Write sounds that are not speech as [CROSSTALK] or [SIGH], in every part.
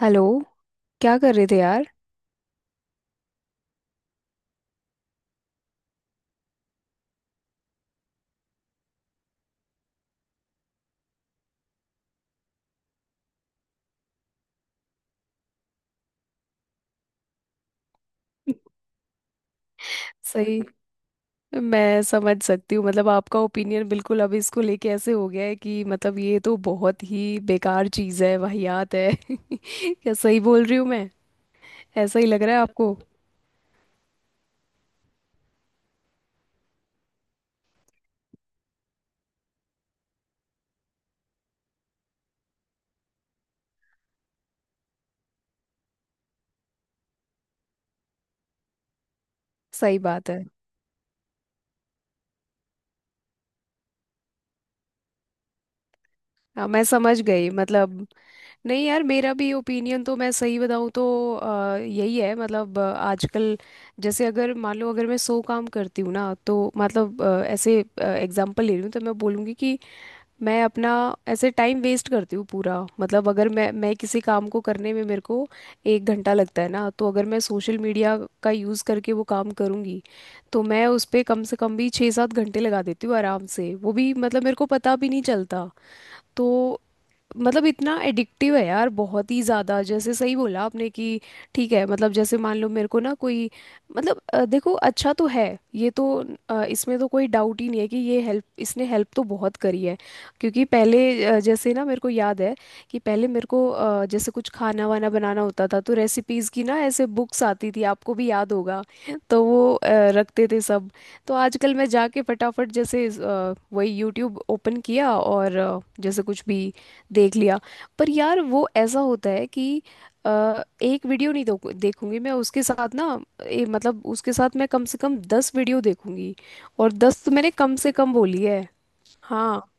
Hello. क्या कर रहे थे यार। सही। मैं समझ सकती हूँ। मतलब आपका ओपिनियन बिल्कुल अब इसको लेके ऐसे हो गया है कि मतलब ये तो बहुत ही बेकार चीज़ है, वाहियात है [LAUGHS] क्या सही बोल रही हूँ मैं? ऐसा ही लग रहा है आपको? सही बात है। हाँ मैं समझ गई। मतलब नहीं यार, मेरा भी ओपिनियन तो मैं सही बताऊँ तो यही है। मतलब आजकल जैसे अगर मान लो, अगर मैं 100 काम करती हूँ ना तो मतलब ऐसे एग्जांपल ले रही हूँ तो मैं बोलूँगी कि मैं अपना ऐसे टाइम वेस्ट करती हूँ पूरा। मतलब अगर मैं किसी काम को करने में मेरे को 1 घंटा लगता है ना, तो अगर मैं सोशल मीडिया का यूज़ करके वो काम करूँगी तो मैं उस पे कम से कम भी 6-7 घंटे लगा देती हूँ आराम से, वो भी मतलब मेरे को पता भी नहीं चलता। तो मतलब इतना एडिक्टिव है यार, बहुत ही ज़्यादा। जैसे सही बोला आपने कि ठीक है। मतलब जैसे मान लो मेरे को ना कोई मतलब देखो, अच्छा तो है ये तो। इसमें तो कोई डाउट ही नहीं है कि ये हेल्प, इसने हेल्प तो बहुत करी है। क्योंकि पहले जैसे ना मेरे को याद है कि पहले मेरे को जैसे कुछ खाना वाना बनाना होता था तो रेसिपीज़ की ना ऐसे बुक्स आती थी, आपको भी याद होगा। तो वो रखते थे सब। तो आजकल मैं जाके फटाफट जैसे वही यूट्यूब ओपन किया और जैसे कुछ भी देख लिया। पर यार वो ऐसा होता है कि एक वीडियो नहीं देखूंगी मैं, उसके साथ ना मतलब उसके साथ मैं कम से कम 10 वीडियो देखूंगी। और 10 तो मैंने कम से कम बोली है। हाँ।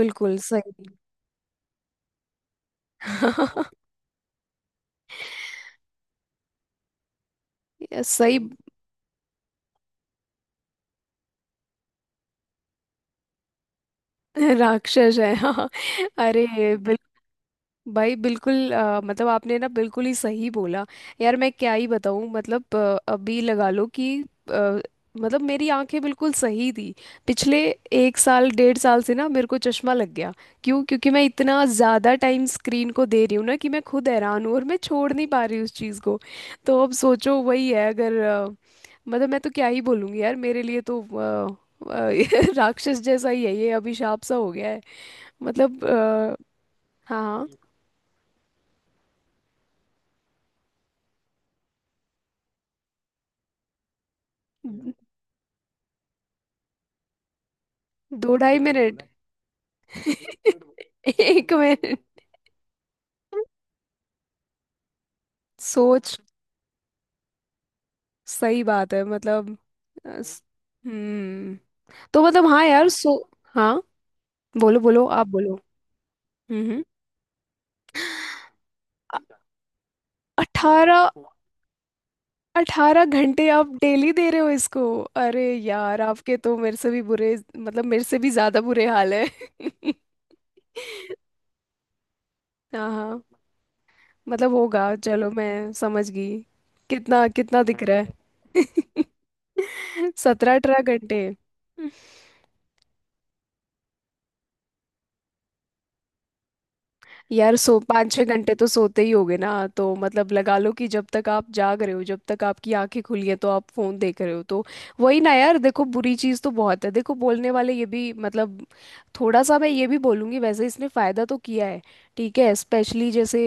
बिल्कुल सही [LAUGHS] सही। राक्षस है [LAUGHS] हाँ। अरे। भाई बिल्कुल मतलब आपने ना बिल्कुल ही सही बोला। यार मैं क्या ही बताऊं। मतलब अभी लगा लो कि अ, मतलब मेरी आंखें बिल्कुल सही थी पिछले 1 साल, 1.5 साल से ना मेरे को चश्मा लग गया। क्यों? क्योंकि मैं इतना ज़्यादा टाइम स्क्रीन को दे रही हूँ ना कि मैं खुद हैरान हूँ और मैं छोड़ नहीं पा रही उस चीज़ को। तो अब सोचो वही है। अगर मतलब मैं तो क्या ही बोलूँगी यार, मेरे लिए तो अ, [LAUGHS] राक्षस जैसा ही है। ये अभिशाप सा हो गया है। मतलब हाँ हाँ। 2, 2.5 मिनट [LAUGHS] 1 मिनट। सोच। सही बात है। मतलब अ, स- हम्म तो मतलब हाँ यार सो। हाँ बोलो बोलो, आप बोलो। हम्म। अ- 18। 18 घंटे आप डेली दे रहे हो इसको? अरे यार आपके तो मेरे से भी बुरे, मतलब मेरे से भी ज्यादा बुरे हाल है [LAUGHS] हाँ हाँ, मतलब होगा, चलो मैं समझ गई। कितना कितना दिख रहा है? [LAUGHS] 17-18 घंटे। यार सो 5-6 घंटे तो सोते ही होगे ना। तो मतलब लगा लो कि जब तक आप जाग रहे हो, जब तक आपकी आंखें खुली हैं तो आप फोन देख रहे हो, तो वही ना यार। देखो बुरी चीज़ तो बहुत है, देखो बोलने वाले, ये भी मतलब थोड़ा सा मैं ये भी बोलूँगी वैसे इसने फ़ायदा तो किया है। ठीक है, स्पेशली जैसे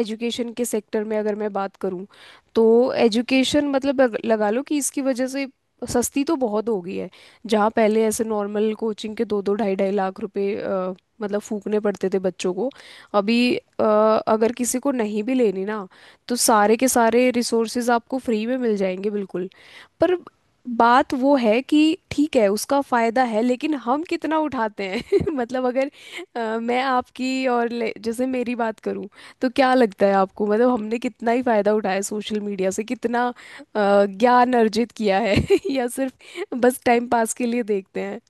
एजुकेशन के सेक्टर में अगर मैं बात करूँ तो एजुकेशन मतलब लगा लो कि इसकी वजह से सस्ती तो बहुत हो गई है। जहाँ पहले ऐसे नॉर्मल कोचिंग के दो दो ढाई ढाई लाख रुपए मतलब फूकने पड़ते थे बच्चों को, अभी अगर किसी को नहीं भी लेनी ना तो सारे के सारे रिसोर्सेज आपको फ्री में मिल जाएंगे बिल्कुल। पर बात वो है कि ठीक है, उसका फायदा है लेकिन हम कितना उठाते हैं [LAUGHS] मतलब अगर मैं आपकी और जैसे मेरी बात करूं तो क्या लगता है आपको? मतलब हमने कितना ही फायदा उठाया सोशल मीडिया से, कितना ज्ञान अर्जित किया है [LAUGHS] या सिर्फ बस टाइम पास के लिए देखते हैं?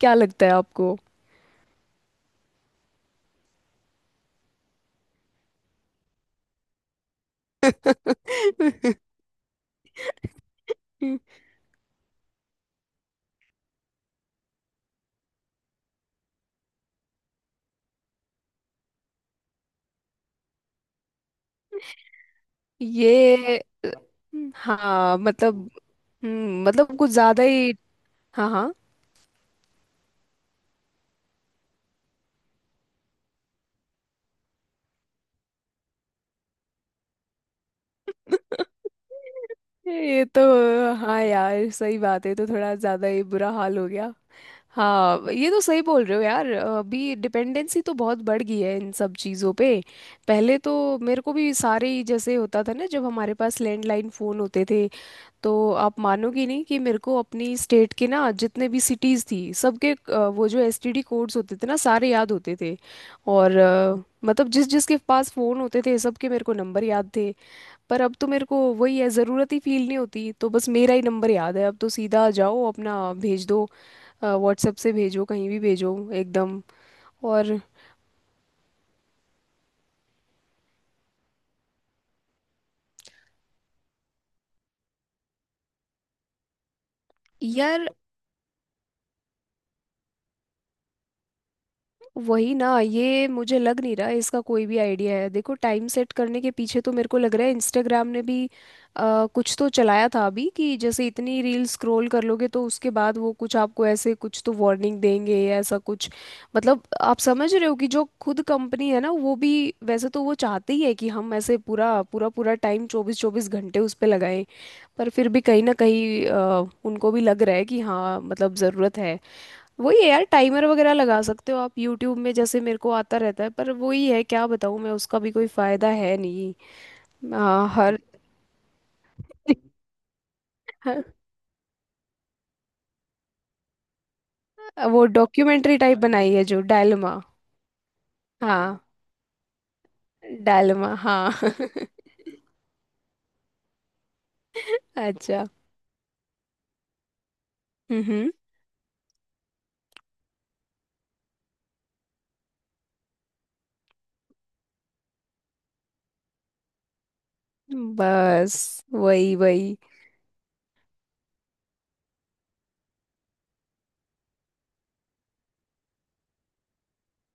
क्या लगता है आपको? [LAUGHS] ये अ, हाँ, मतलब मतलब कुछ ज्यादा ही। हाँ हाँ [LAUGHS] ये तो हाँ यार सही बात है, ये तो थोड़ा ज्यादा ही बुरा हाल हो गया। हाँ ये तो सही बोल रहे हो यार, अभी डिपेंडेंसी तो बहुत बढ़ गई है इन सब चीज़ों पे। पहले तो मेरे को भी सारे ही जैसे होता था ना, जब हमारे पास लैंडलाइन फ़ोन होते थे तो आप मानोगी नहीं कि मेरे को अपनी स्टेट के ना जितने भी सिटीज़ थी सबके वो जो एसटीडी कोड्स होते थे ना सारे याद होते थे। और मतलब जिस जिसके पास फ़ोन होते थे सबके मेरे को नंबर याद थे। पर अब तो मेरे को वही है, ज़रूरत ही फील नहीं होती, तो बस मेरा ही नंबर याद है। अब तो सीधा जाओ अपना भेज दो, व्हाट्सएप से भेजो, कहीं भी भेजो, एकदम। और यार वही ना, ये मुझे लग नहीं रहा इसका कोई भी आइडिया है। देखो, टाइम सेट करने के पीछे तो मेरे को लग रहा है इंस्टाग्राम ने भी कुछ तो चलाया था अभी कि जैसे इतनी रील स्क्रॉल कर लोगे तो उसके बाद वो कुछ आपको ऐसे कुछ तो वार्निंग देंगे या ऐसा कुछ। मतलब आप समझ रहे हो कि जो खुद कंपनी है ना वो भी, वैसे तो वो चाहती है कि हम ऐसे पूरा पूरा पूरा टाइम 24-24 घंटे उस पर लगाएं, पर फिर भी कहीं ना कहीं उनको भी लग रहा है कि हाँ मतलब ज़रूरत है। वही यार टाइमर वगैरह लगा सकते हो आप यूट्यूब में, जैसे मेरे को आता रहता है, पर वही है क्या बताऊँ मैं, उसका भी कोई फायदा है नहीं। हाँ हर [LAUGHS] हर- वो डॉक्यूमेंट्री टाइप बनाई है जो डायलमा। हाँ डायलमा हाँ [LAUGHS] अच्छा। हम्म। बस वही वही।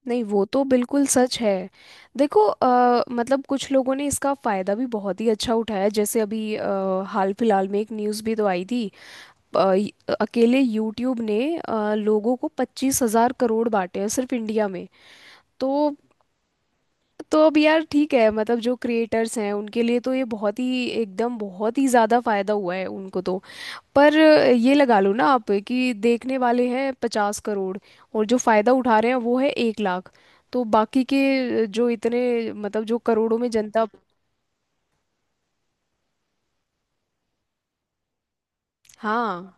नहीं वो तो बिल्कुल सच है। देखो मतलब कुछ लोगों ने इसका फायदा भी बहुत ही अच्छा उठाया। जैसे अभी हाल फिलहाल में एक न्यूज़ भी तो आई थी। अकेले यूट्यूब ने लोगों को 25,000 करोड़ बांटे हैं सिर्फ इंडिया में। तो तो अब यार ठीक है मतलब जो क्रिएटर्स हैं उनके लिए तो ये बहुत ही एकदम बहुत ही ज़्यादा फायदा हुआ है उनको तो। पर ये लगा लो ना आप कि देखने वाले हैं 50 करोड़, और जो फ़ायदा उठा रहे हैं वो है 1 लाख। तो बाकी के जो इतने मतलब जो करोड़ों में जनता। हाँ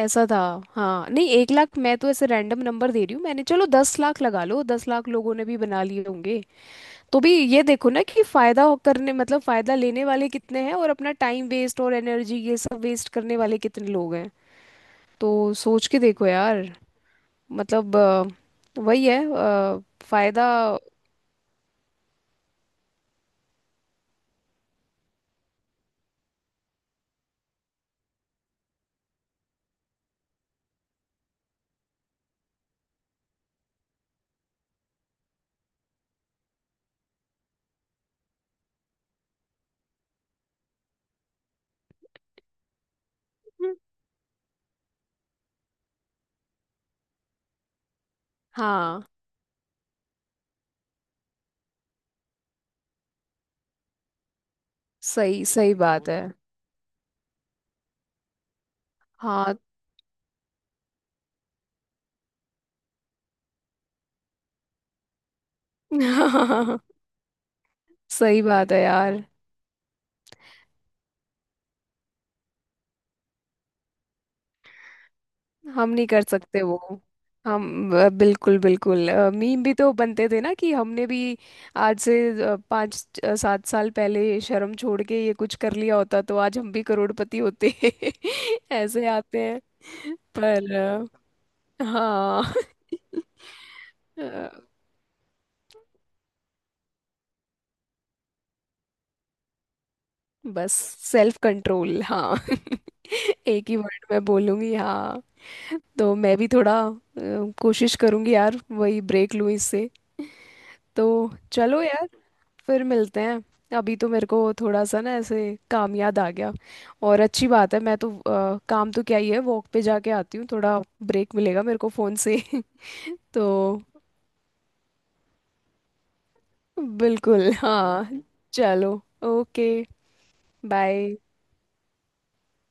ऐसा था। हाँ नहीं 1 लाख मैं तो ऐसे रैंडम नंबर दे रही हूँ मैंने, चलो 10 लाख लगा लो, 10 लाख लोगों ने भी बना लिए होंगे तो भी ये देखो ना कि फायदा करने, मतलब फायदा लेने वाले कितने हैं और अपना टाइम वेस्ट और एनर्जी ये सब वेस्ट करने वाले कितने लोग हैं। तो सोच के देखो यार। मतलब वही है फायदा। हाँ सही सही बात है। हाँ [LAUGHS] सही बात है यार। हम नहीं कर सकते वो। हम बिल्कुल बिल्कुल। मीम भी तो बनते थे ना कि हमने भी आज से पाँच सात साल पहले शर्म छोड़ के ये कुछ कर लिया होता तो आज हम भी करोड़पति होते [LAUGHS] ऐसे आते हैं। पर हाँ [LAUGHS] अ, बस, सेल्फ कंट्रोल हाँ [LAUGHS] एक ही वर्ड में बोलूंगी हाँ। तो मैं भी थोड़ा कोशिश करूंगी यार, वही ब्रेक लूँ इससे। तो चलो यार, फिर मिलते हैं। अभी तो मेरे को थोड़ा सा ना ऐसे काम याद आ गया। और अच्छी बात है, मैं तो काम तो क्या ही है, वॉक पे जाके आती हूँ थोड़ा, ब्रेक मिलेगा मेरे को फ़ोन से [LAUGHS] तो बिल्कुल हाँ, चलो, ओके, बाय।